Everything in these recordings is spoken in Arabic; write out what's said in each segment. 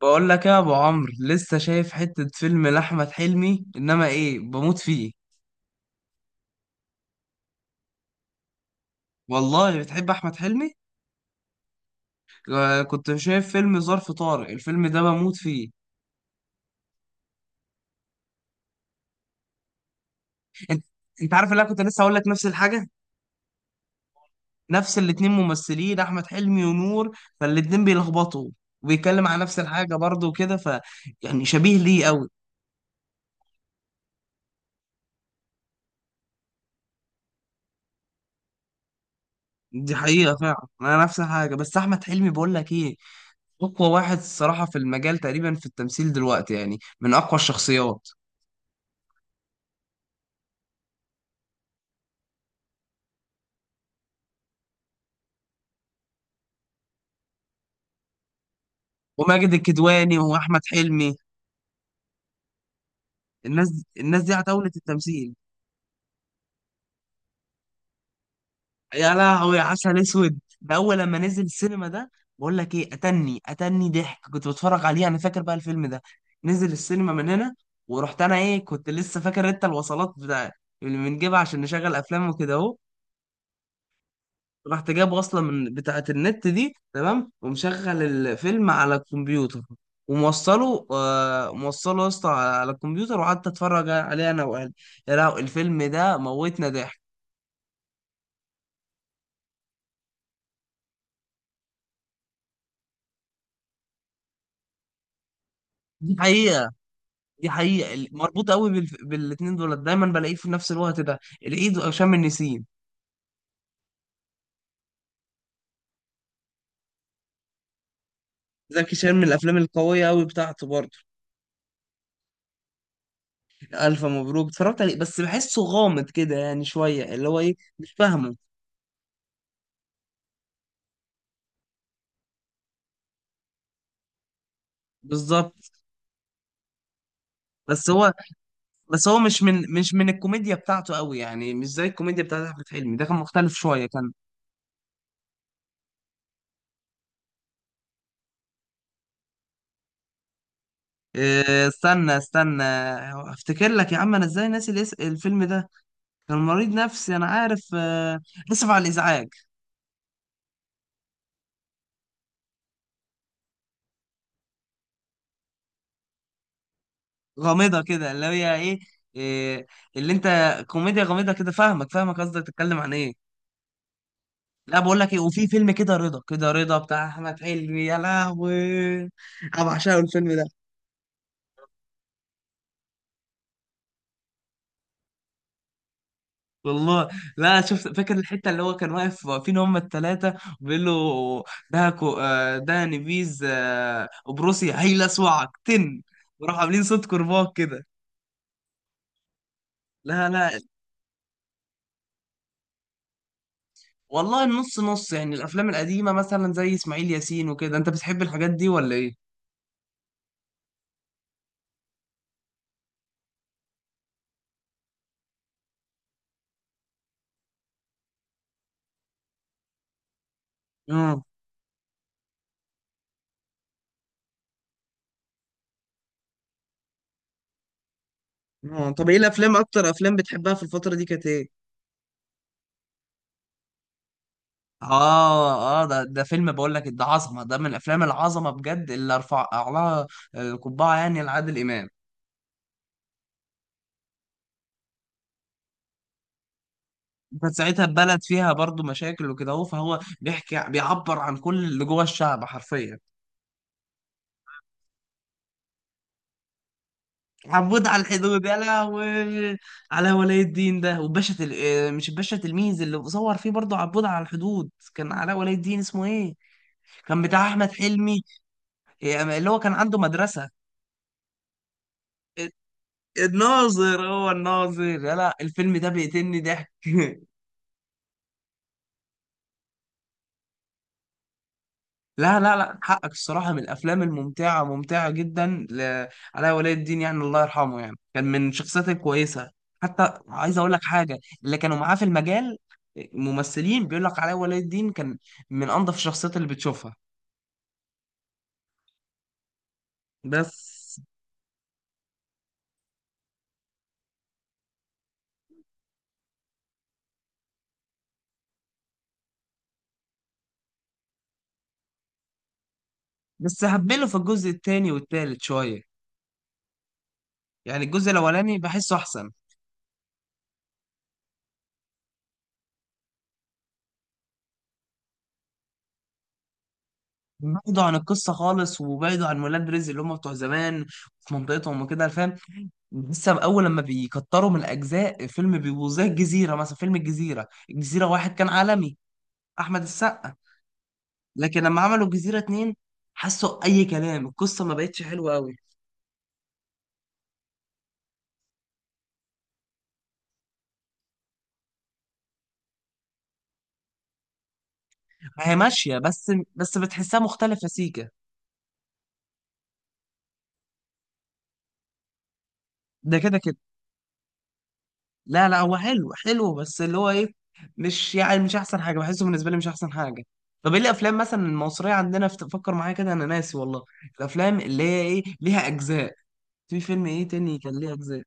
بقول لك يا ابو عمرو، لسه شايف حتة فيلم لاحمد حلمي. انما ايه، بموت فيه. والله بتحب احمد حلمي؟ آه، كنت شايف فيلم ظرف طارق، الفيلم ده بموت فيه. انت. انت عارف اللي انا كنت لسه هقول لك نفس الحاجة. نفس الاتنين ممثلين، احمد حلمي ونور، فالاتنين بيلخبطوا وبيتكلم عن نفس الحاجة برضه وكده، يعني شبيه ليه قوي. دي حقيقة فعلا، انا نفس الحاجة. بس احمد حلمي، بقول لك ايه، اقوى واحد الصراحة في المجال تقريبا في التمثيل دلوقتي، يعني من اقوى الشخصيات. وماجد الكدواني واحمد حلمي، الناس دي عتاولة التمثيل. يا لهوي يا عسل اسود ده، اول لما نزل السينما ده، بقول لك ايه، اتني ضحك كنت بتفرج عليه. انا فاكر بقى الفيلم ده، نزل السينما من هنا، ورحت انا، ايه، كنت لسه فاكر انت الوصلات بتاع اللي بنجيبها عشان نشغل افلام وكده. رحت جابه اصلا من بتاعه النت دي، تمام، ومشغل الفيلم على الكمبيوتر، وموصله آه موصله يا اسطى على الكمبيوتر، وقعدت اتفرج عليه انا واهلي. يا لهوي الفيلم ده موتنا ضحك. دي حقيقة دي حقيقة، مربوط قوي بالاتنين دول، دايما بلاقيه في نفس الوقت ده، العيد وهشام النسيم. زكي شان من الافلام القوية قوي بتاعته برضه. الف مبروك اتفرجت عليه، بس بحسه غامض كده يعني شوية، اللي هو ايه، مش فاهمه. بالظبط. بس هو بس هو مش من الكوميديا بتاعته قوي، يعني مش زي الكوميديا بتاعت احمد حلمي. ده كان مختلف شويه، كان، آه، استنى استنى، افتكر لك يا عم، انا ازاي ناسي الفيلم ده. كان مريض نفسي انا عارف. اسف على الازعاج. غامضه كده، اللي هي ايه، آه، اللي انت، كوميديا غامضه كده، فاهمك فاهمك قصدك تتكلم عن ايه. لا، بقول لك ايه، وفي فيلم كده رضا كده رضا، بتاع احمد حلمي. يا لهوي، انا بعشقه الفيلم ده. والله. لا، شفت فاكر الحته اللي هو كان واقف، واقفين هم الثلاثه، وبيقول له: ده نبيذ، بروسيا هيلسوعك تن، وراح عاملين صوت كرباج كده. لا لا. والله النص نص يعني، الافلام القديمه مثلا زي اسماعيل ياسين وكده، انت بتحب الحاجات دي ولا ايه؟ اه اه، طب ايه الافلام، اكتر افلام بتحبها في الفتره دي كانت ايه؟ اه اه، ده فيلم بقول لك، ده عظمه، ده من الافلام العظمه بجد اللي ارفع لها القبعه، يعني لعادل امام. كانت ساعتها البلد فيها برضو مشاكل وكده اهو، فهو بيحكي، بيعبر عن كل اللي جوه الشعب حرفيا. عبود على الحدود يا لهوي، على ولي الدين ده وباشا تل... آه، مش الباشا تلميذ اللي صور فيه برضو عبود على الحدود، كان علاء ولي الدين. اسمه ايه؟ كان بتاع احمد حلمي. آه، اللي هو كان عنده مدرسة. آه، الناظر. هو الناظر يا لا، الفيلم ده بيقتلني ضحك لا لا لا، حقك الصراحة، من الأفلام الممتعة، ممتعة جدا علاء ولي الدين يعني، الله يرحمه، يعني كان من الشخصيات الكويسة. حتى عايز أقول لك حاجة، اللي كانوا معاه في المجال ممثلين بيقول لك علاء ولي الدين كان من أنظف الشخصيات اللي بتشوفها. بس بس هبله في الجزء التاني والتالت شوية، يعني الجزء الأولاني بحسه أحسن. بعيدوا عن القصة خالص، وبعيدوا عن ولاد رزق اللي هم بتوع زمان، في منطقتهم وكده، فاهم. لسه اول لما بيكتروا من الاجزاء فيلم، بيبقوا زي الجزيره مثلا. فيلم الجزيره، الجزيره واحد كان عالمي، احمد السقا. لكن لما عملوا الجزيره اتنين، حسوا اي كلام، القصه ما بقتش حلوه قوي. هي ماشيه بس بتحسها مختلفه سيكا. ده كده كده. لا لا، هو حلو حلو، بس اللي هو ايه، مش احسن حاجه، بحسه بالنسبه لي مش احسن حاجه. طب ايه الافلام مثلا المصريه عندنا، فكر معايا كده، انا ناسي والله، الافلام اللي هي ايه ليها اجزاء. في فيلم ايه تاني كان ليه اجزاء؟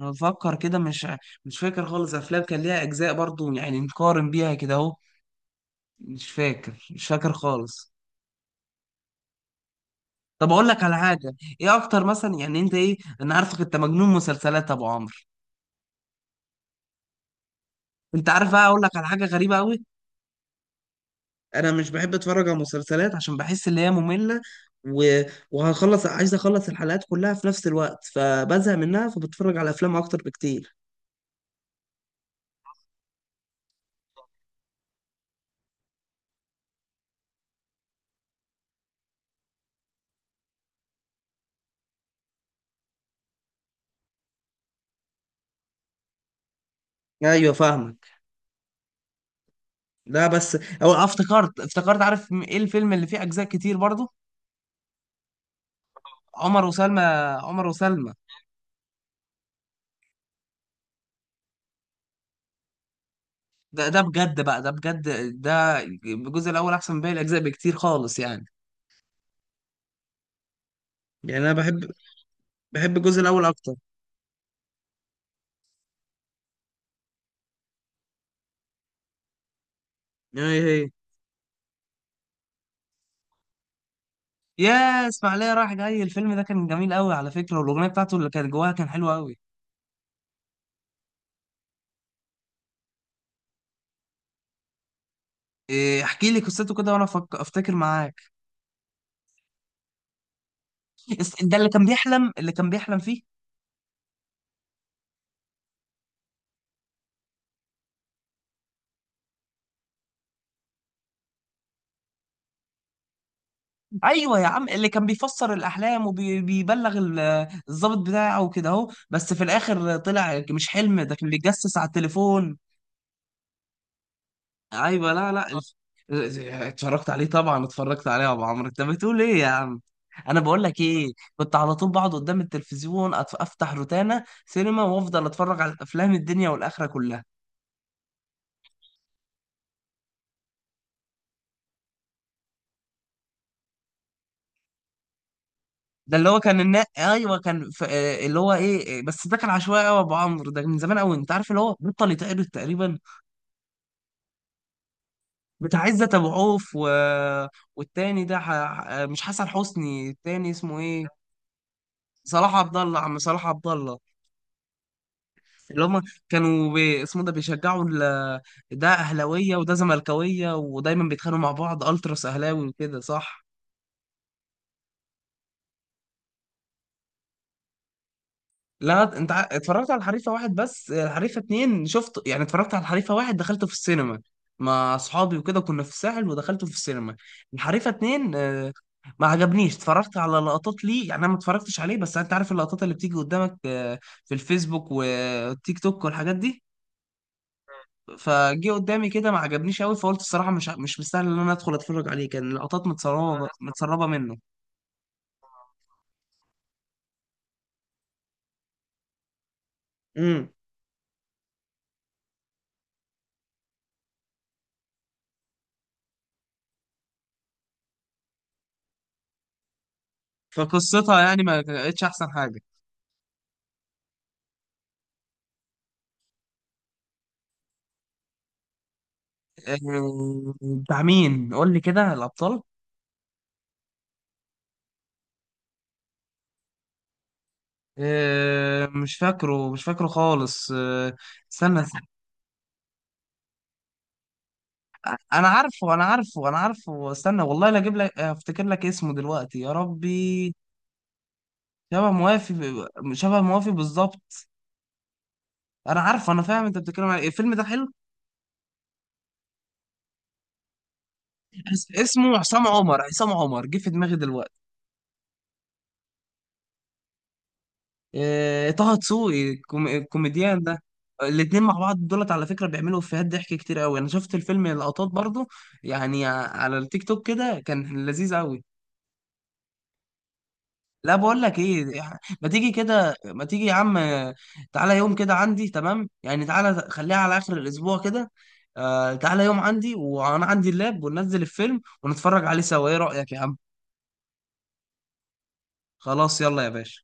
انا بفكر كده، مش فاكر خالص افلام كان ليها اجزاء برضو، يعني نقارن بيها كده اهو. مش فاكر مش فاكر خالص. طب اقول لك على حاجه، ايه اكتر مثلا يعني، انت ايه، انا عارفك انت مجنون مسلسلات يا ابو عمرو. انت عارف بقى، اقول لك على حاجه غريبه قوي. انا مش بحب اتفرج على مسلسلات عشان بحس ان هي ممله، و... عايز اخلص الحلقات كلها في نفس الوقت، فبزهق منها، فبتفرج على افلام اكتر بكتير. ايوه فاهمك. لا بس، او افتكرت افتكرت، عارف، ايه الفيلم اللي فيه اجزاء كتير برضو، عمر وسلمى. عمر وسلمى. ده بجد بقى، ده بجد، ده الجزء الاول احسن من باقي الاجزاء بكتير خالص يعني. يعني انا بحب الجزء الاول اكتر. هي هي يا اسماعيليه رايح جاي، الفيلم ده كان جميل قوي على فكره، والاغنيه بتاعته اللي كانت جواها كان حلوه قوي. إيه، احكي لي قصته كده وانا افتكر معاك. ده اللي كان بيحلم فيه. ايوه يا عم، اللي كان بيفسر الاحلام وبيبلغ الضابط بتاعه وكده اهو، بس في الاخر طلع مش حلم، ده كان بيتجسس على التليفون. ايوه، لا لا، اتفرجت عليه طبعا، اتفرجت عليه يا ابو عمرو، انت بتقول ايه يا عم. انا بقول لك ايه، كنت على طول بقعد قدام التلفزيون، افتح روتانا سينما وافضل اتفرج على الافلام الدنيا والاخره كلها. ده اللي هو كان ايوه، كان ف... آه، اللي هو ايه، بس ده كان عشوائي قوي يا ابو عمرو، ده من زمان قوي، انت عارف اللي هو بطل يتقلد تقريبا، بتاع عزت ابو عوف والتاني ده ح... آه، مش حسن حسني، التاني اسمه ايه؟ صلاح عبد الله، عم صلاح عبد الله، اللي هم كانوا اسمه ده، بيشجعوا ده اهلاويه وده زملكاويه، ودايما بيتخانقوا مع بعض التراس اهلاوي وكده صح. لا، انت اتفرجت على الحريفه واحد، بس الحريفه اتنين شفت يعني، اتفرجت على الحريفه واحد دخلته في السينما مع اصحابي وكده، كنا في الساحل ودخلته في السينما. الحريفه اتنين، ما عجبنيش، اتفرجت على لقطات ليه يعني، انا ما اتفرجتش عليه، بس انت عارف اللقطات اللي بتيجي قدامك، في الفيسبوك والتيك توك والحاجات دي، فجه قدامي كده ما عجبنيش قوي، فقلت الصراحه مش مستاهل ان انا ادخل اتفرج عليه، كان لقطات متسربه متسربه منه. امم. فقصتها يعني ما كانتش احسن حاجه. آه، بتاع مين؟ قول لي كده الابطال. آه، مش فاكره مش فاكره خالص آه، استنى استنى. انا عارفه انا عارفه انا عارفه، استنى والله، لا اجيب لك، افتكر لك اسمه دلوقتي يا ربي. شبه موافي، شبه موافي بالظبط. انا عارفه، انا فاهم انت بتتكلم عن إيه. الفيلم ده حلو. اسمه حسام عمر، حسام عمر جه في دماغي دلوقتي. آه، طه دسوقي، الكوميديان ده. الاتنين مع بعض دولت على فكرة بيعملوا افيهات ضحك كتير قوي، انا شفت الفيلم لقطات برضو، يعني على التيك توك كده، كان لذيذ قوي. لا، بقول لك ايه، يعني ما تيجي كده، ما تيجي يا عم، تعالى يوم كده عندي، تمام يعني، تعالى خليها على اخر الاسبوع كده. آه تعالى يوم عندي وانا عندي اللاب، وننزل الفيلم ونتفرج عليه سوا، ايه رأيك يا عم؟ خلاص، يلا يا باشا.